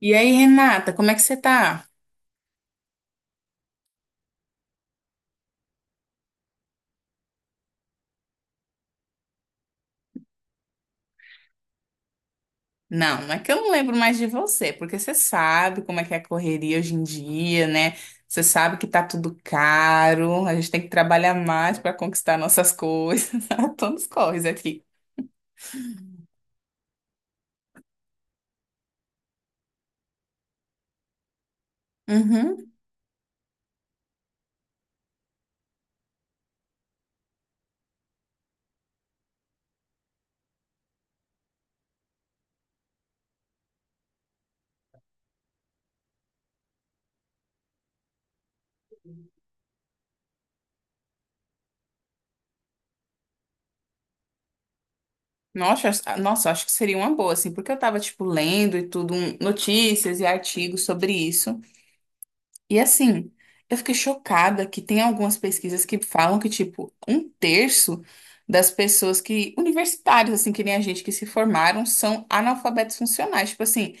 E aí, Renata, como é que você tá? Não, é que eu não lembro mais de você, porque você sabe como é que é a correria hoje em dia, né? Você sabe que tá tudo caro, a gente tem que trabalhar mais para conquistar nossas coisas. a Todos corres aqui. Uhum. Nossa, acho que seria uma boa, assim, porque eu tava, tipo, lendo e tudo, notícias e artigos sobre isso. E assim, eu fiquei chocada que tem algumas pesquisas que falam que, tipo, um terço das pessoas que, universitários, assim, que nem a gente, que se formaram, são analfabetos funcionais. Tipo assim,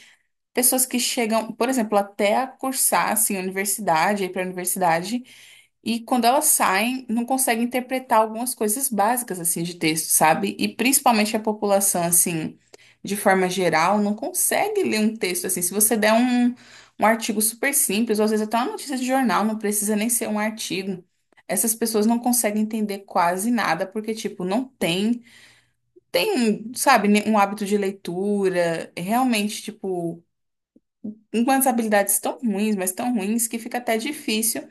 pessoas que chegam, por exemplo, até a cursar, assim, universidade, ir pra universidade, e quando elas saem, não conseguem interpretar algumas coisas básicas assim de texto, sabe? E principalmente a população assim, de forma geral, não consegue ler um texto assim. Se você um artigo super simples, ou às vezes até uma notícia de jornal, não precisa nem ser um artigo. Essas pessoas não conseguem entender quase nada porque tipo, não tem, tem, sabe, um hábito de leitura, realmente tipo umas habilidades tão ruins, mas tão ruins, que fica até difícil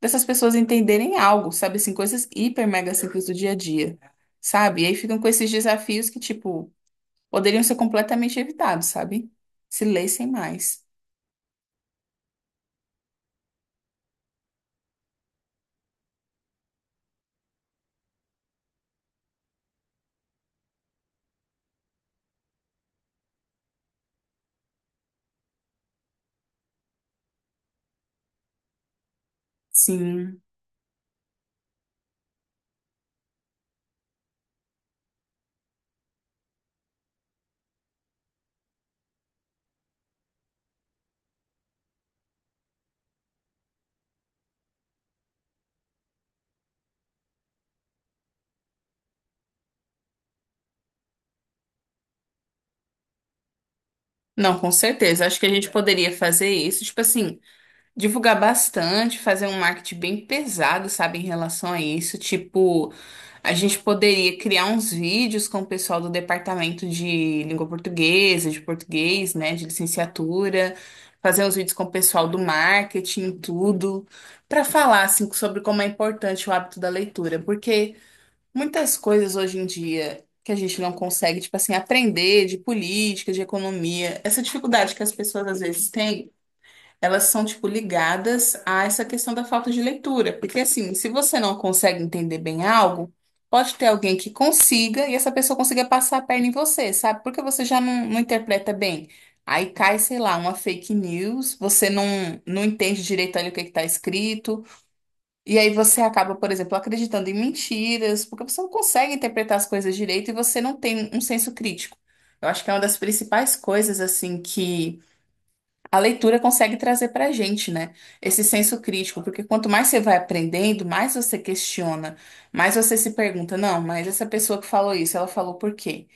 dessas pessoas entenderem algo, sabe? Assim, coisas hiper mega simples do dia a dia, sabe? E aí ficam com esses desafios que, tipo, poderiam ser completamente evitados, sabe? Se lessem mais. Sim. Não, com certeza. Acho que a gente poderia fazer isso. Tipo assim. Divulgar bastante, fazer um marketing bem pesado, sabe, em relação a isso. Tipo, a gente poderia criar uns vídeos com o pessoal do departamento de língua portuguesa, de português, né, de licenciatura, fazer uns vídeos com o pessoal do marketing, tudo, para falar, assim, sobre como é importante o hábito da leitura. Porque muitas coisas hoje em dia que a gente não consegue, tipo assim, aprender de política, de economia, essa dificuldade que as pessoas às vezes têm elas são, tipo, ligadas a essa questão da falta de leitura. Porque, assim, se você não consegue entender bem algo, pode ter alguém que consiga e essa pessoa consiga passar a perna em você, sabe? Porque você já não, não interpreta bem. Aí cai, sei lá, uma fake news, você não, não entende direito ali o que está escrito, e aí você acaba, por exemplo, acreditando em mentiras, porque você não consegue interpretar as coisas direito e você não tem um senso crítico. Eu acho que é uma das principais coisas, assim, que a leitura consegue trazer para a gente, né, esse senso crítico, porque quanto mais você vai aprendendo, mais você questiona, mais você se pergunta, não, mas essa pessoa que falou isso, ela falou por quê?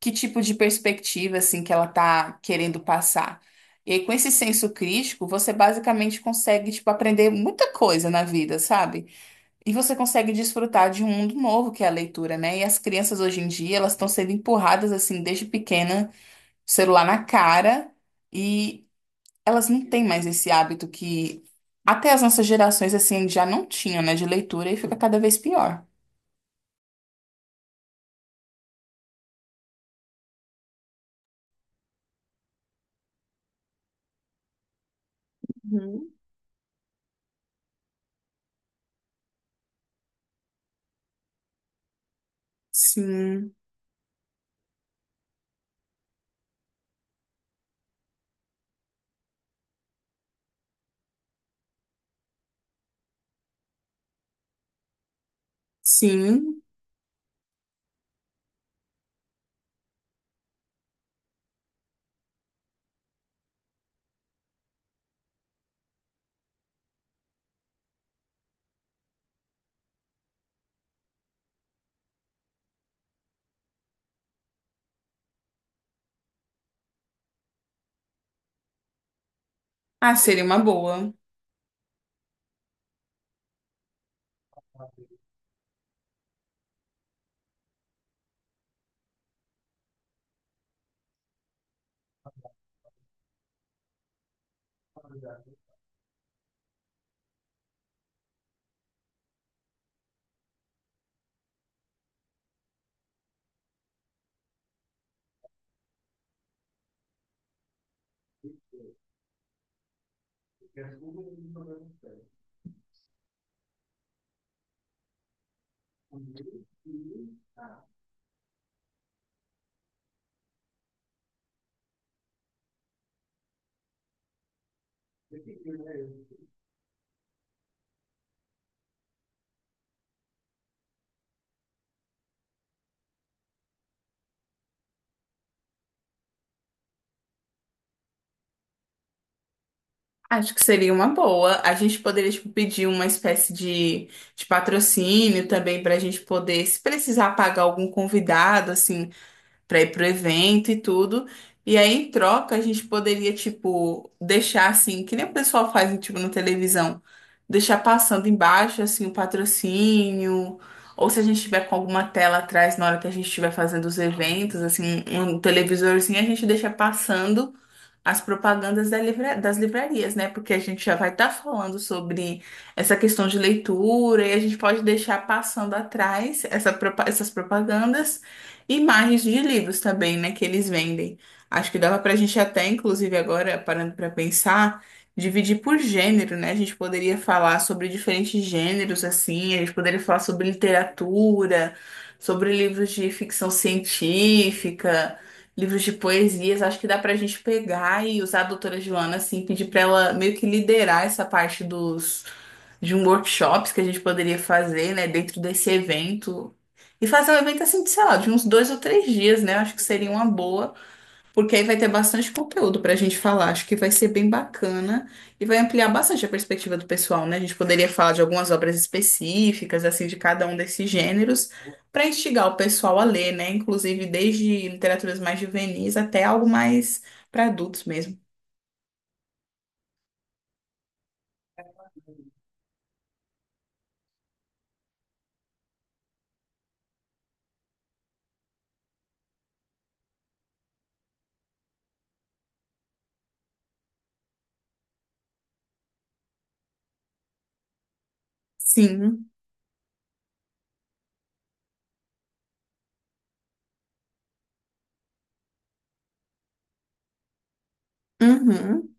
Que tipo de perspectiva, assim, que ela tá querendo passar? E aí, com esse senso crítico, você basicamente consegue, tipo, aprender muita coisa na vida, sabe? E você consegue desfrutar de um mundo novo que é a leitura, né? E as crianças hoje em dia, elas estão sendo empurradas, assim, desde pequena, celular na cara. E elas não têm mais esse hábito que até as nossas gerações assim já não tinham, né, de leitura e fica cada vez pior. Uhum. Sim, sim. Ah, seria uma boa. Acho que seria uma boa. A gente poderia, tipo, pedir uma espécie de patrocínio também para a gente poder, se precisar pagar algum convidado, assim, para ir pro evento e tudo. E aí, em troca, a gente poderia, tipo, deixar assim, que nem o pessoal faz, tipo, na televisão, deixar passando embaixo, assim, o patrocínio, ou se a gente tiver com alguma tela atrás na hora que a gente estiver fazendo os eventos, assim, um televisorzinho, a gente deixa passando as propagandas das livrarias, né? Porque a gente já vai estar falando sobre essa questão de leitura e a gente pode deixar passando atrás essas propagandas e imagens de livros também, né? Que eles vendem. Acho que dava para a gente até, inclusive agora, parando para pensar, dividir por gênero, né? A gente poderia falar sobre diferentes gêneros, assim, a gente poderia falar sobre literatura, sobre livros de ficção científica livros de poesias. Acho que dá pra gente pegar e usar a doutora Joana, assim, pedir pra ela meio que liderar essa parte dos de um workshops que a gente poderia fazer, né, dentro desse evento. E fazer um evento assim, de, sei lá, de uns dois ou três dias, né? Acho que seria uma boa. Porque aí vai ter bastante conteúdo para a gente falar. Acho que vai ser bem bacana e vai ampliar bastante a perspectiva do pessoal, né? A gente poderia falar de algumas obras específicas, assim, de cada um desses gêneros, para instigar o pessoal a ler, né? Inclusive desde literaturas mais juvenis até algo mais para adultos mesmo. Sim, uhum.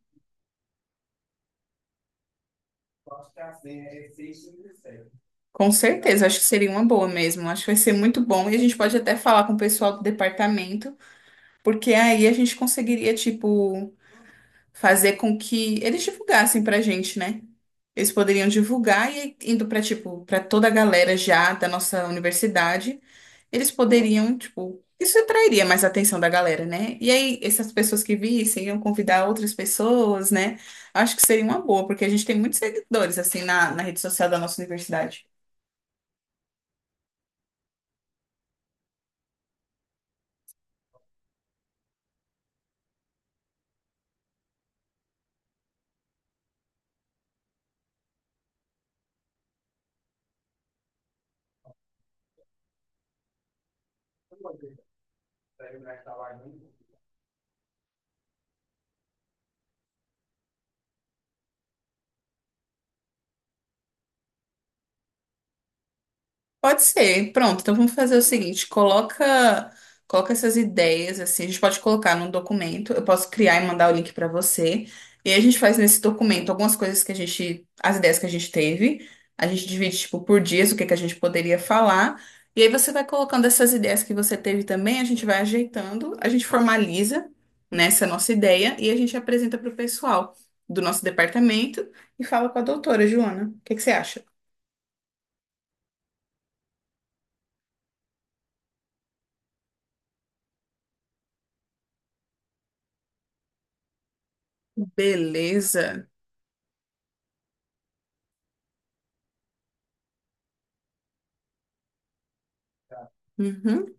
Com certeza, acho que seria uma boa mesmo. Acho que vai ser muito bom e a gente pode até falar com o pessoal do departamento, porque aí a gente conseguiria, tipo. Fazer com que eles divulgassem pra gente, né? Eles poderiam divulgar e indo pra tipo para toda a galera já da nossa universidade, eles poderiam, tipo, isso atrairia mais a atenção da galera, né? E aí essas pessoas que vissem iam convidar outras pessoas, né? Acho que seria uma boa, porque a gente tem muitos seguidores assim na rede social da nossa universidade. Pode ser. Pronto, então vamos fazer o seguinte, coloca essas ideias assim, a gente pode colocar num documento, eu posso criar e mandar o link para você. E aí a gente faz nesse documento algumas coisas que a gente, as ideias que a gente teve, a gente divide tipo por dias o que que a gente poderia falar. E aí você vai colocando essas ideias que você teve também, a gente vai ajeitando, a gente formaliza nessa nossa ideia e a gente apresenta para o pessoal do nosso departamento e fala com a doutora Joana. O que que você acha? Beleza. Uhum.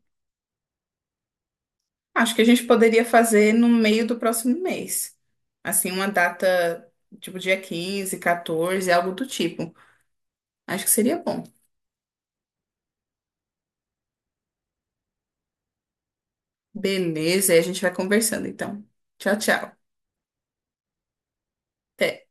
Acho que a gente poderia fazer no meio do próximo mês. Assim, uma data tipo dia 15, 14, algo do tipo. Acho que seria bom. Beleza, aí a gente vai conversando então. Tchau, tchau. Até.